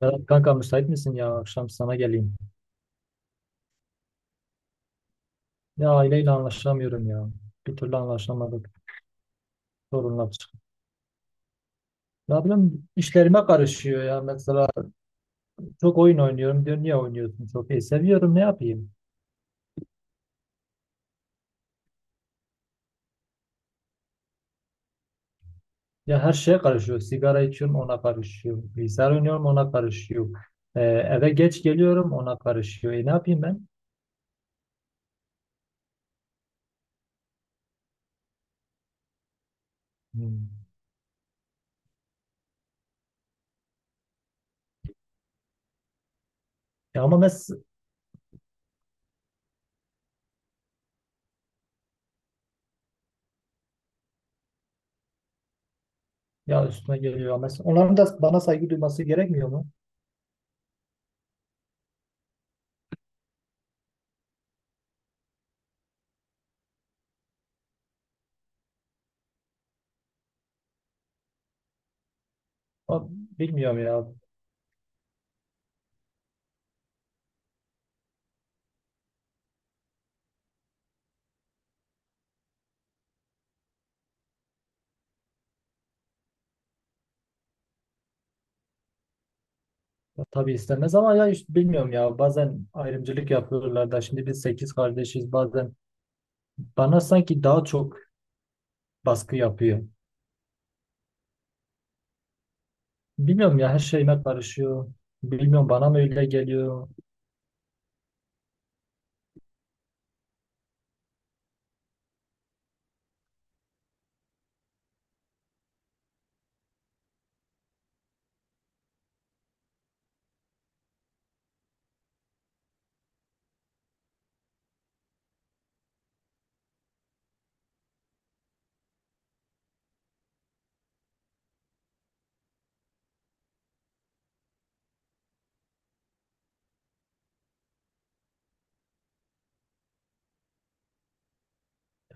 Berat kanka müsait misin ya? Akşam sana geleyim. Ya aileyle anlaşamıyorum ya. Bir türlü anlaşamadık. Sorunlar çıktı. Ne bileyim işlerime karışıyor ya. Mesela çok oyun oynuyorum diyor. Niye oynuyorsun çok? E seviyorum, ne yapayım? Ya her şeye karışıyor. Sigara içiyorum, ona karışıyor. Bilgisayar oynuyorum, ona karışıyor. E, eve geç geliyorum, ona karışıyor. E ne yapayım ben? Hmm. Ya ama ya üstüne geliyor. Onların da bana saygı duyması gerekmiyor mu? Ama bilmiyorum ya. Ya tabii istemez, ama ya işte bilmiyorum ya, bazen ayrımcılık yapıyorlar da. Şimdi biz sekiz kardeşiz, bazen bana sanki daha çok baskı yapıyor. Bilmiyorum ya, her şeyime karışıyor. Bilmiyorum, bana mı öyle geliyor.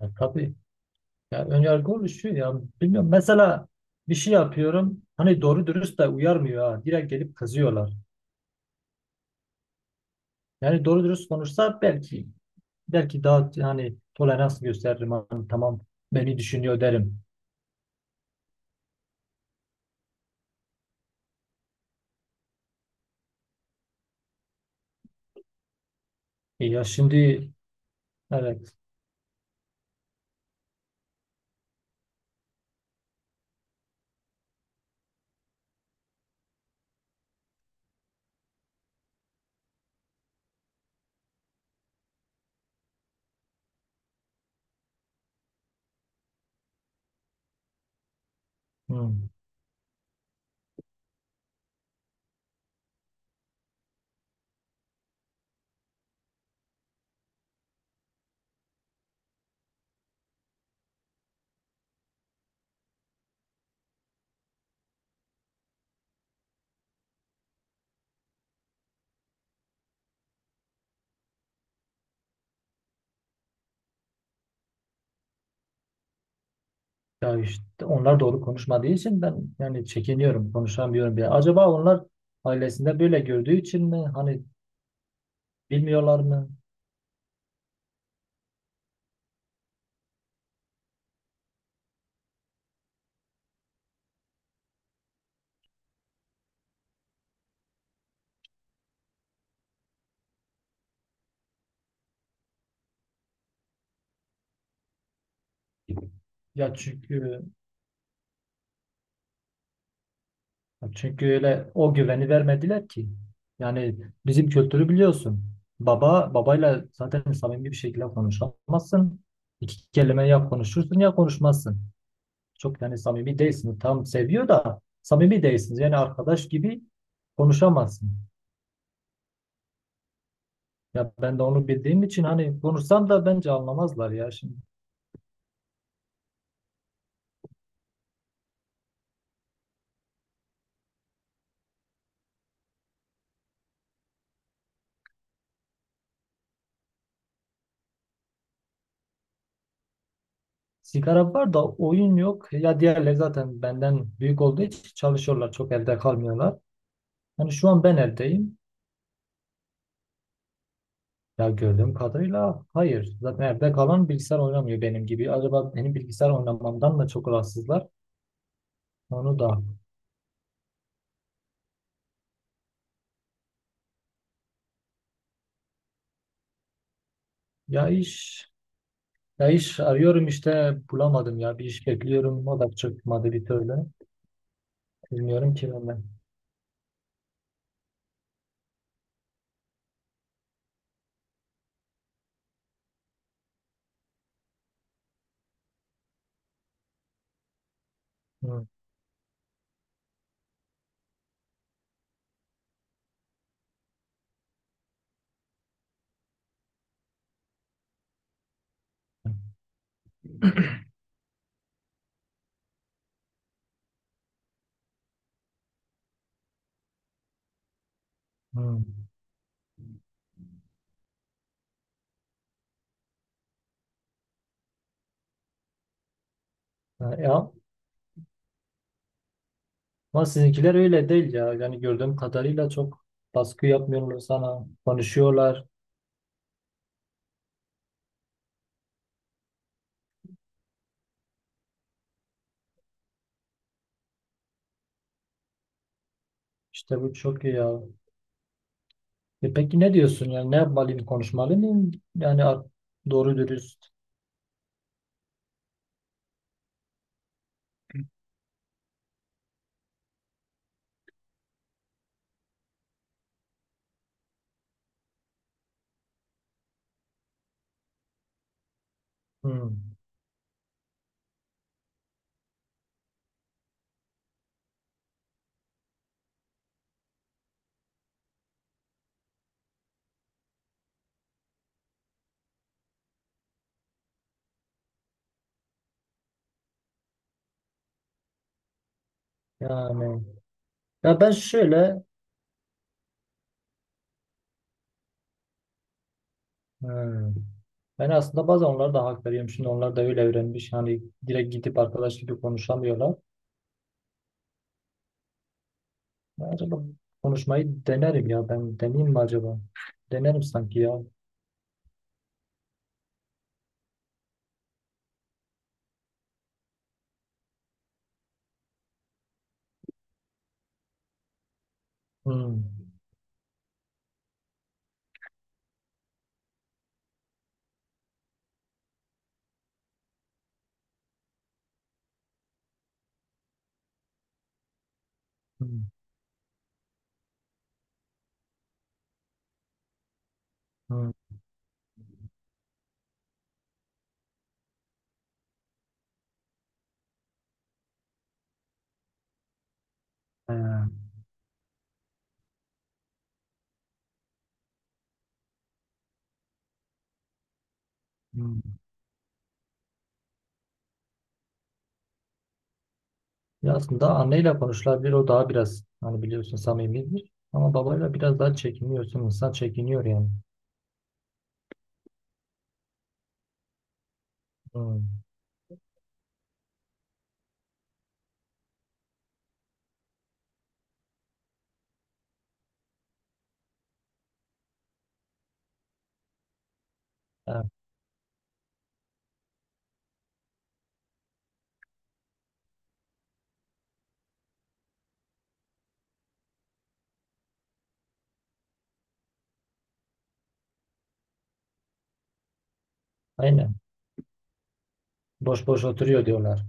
Ya tabii, ya ön yargı oluşuyor ya, bilmiyorum. Mesela bir şey yapıyorum, hani doğru dürüst de uyarmıyor, ha direkt gelip kızıyorlar. Yani doğru dürüst konuşsa, belki daha hani tolerans gösteririm, hani tamam, beni düşünüyor derim. E ya şimdi, evet. Hmm. Ya işte onlar doğru konuşmadığı için ben yani çekiniyorum, konuşamıyorum bile. Acaba onlar ailesinde böyle gördüğü için mi? Hani bilmiyorlar mı? Ya çünkü öyle o güveni vermediler ki. Yani bizim kültürü biliyorsun. Babayla zaten samimi bir şekilde konuşamazsın. İki kelime ya konuşursun ya konuşmazsın. Çok yani samimi değilsiniz. Tam seviyor da samimi değilsiniz. Yani arkadaş gibi konuşamazsın. Ya ben de onu bildiğim için, hani konuşsam da bence anlamazlar ya şimdi. Sigara var da oyun yok. Ya diğerleri zaten benden büyük olduğu için çalışıyorlar. Çok evde kalmıyorlar. Hani şu an ben evdeyim. Ya gördüğüm kadarıyla hayır. Zaten evde kalan bilgisayar oynamıyor benim gibi. Acaba benim bilgisayar oynamamdan da çok rahatsızlar. Onu da. Ya iş. Ya iş arıyorum, işte bulamadım ya. Bir iş bekliyorum. O da çıkmadı bir türlü. Bilmiyorum ki ben de. Hı. Hı. Ya, ama sizinkiler öyle değil ya. Yani gördüğüm kadarıyla çok baskı yapmıyorlar sana. Konuşuyorlar. İşte bu çok iyi ya. E peki ne diyorsun? Yani ne yapmalıyım? Konuşmalı mıyım? Yani doğru dürüst. Hmm. Yani ya ben şöyle hmm. Ben aslında bazen onlara da hak veriyorum. Şimdi onlar da öyle öğrenmiş. Hani direkt gidip arkadaş gibi konuşamıyorlar. Ben acaba konuşmayı denerim ya. Ben deneyeyim mi acaba? Denerim sanki ya. Hmm. Hmm. Hmm. Ee, hmm. Ya aslında anneyle konuşulabilir, o daha biraz hani biliyorsun samimidir. Ama babayla biraz daha çekiniyorsun. İnsan çekiniyor yani. Hmm. Ha, aynen. Boş boş oturuyor diyorlar.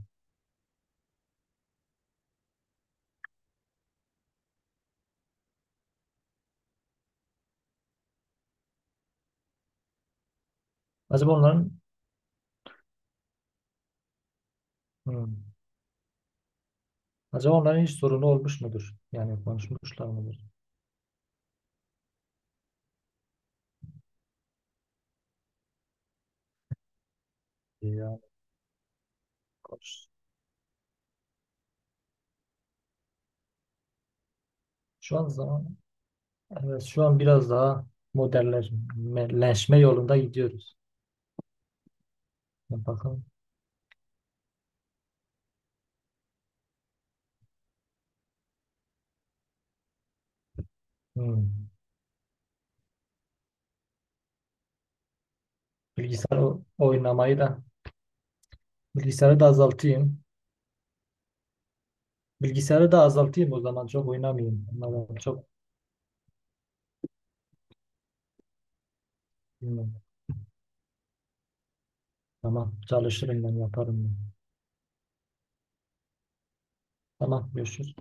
Acaba onların hmm, acaba onların hiç sorunu olmuş mudur? Yani konuşmuşlar mıdır? Yani konuş. Şu an zaman evet, şu an biraz daha modernleşme yolunda gidiyoruz. Yani bakın. Hmm. Bilgisayar oynamayı da, bilgisayarı da azaltayım. Bilgisayarı da azaltayım, o zaman çok oynamayayım. Onlarla çok bilmiyorum. Tamam, çalışırım, ben yaparım. Tamam, görüşürüz.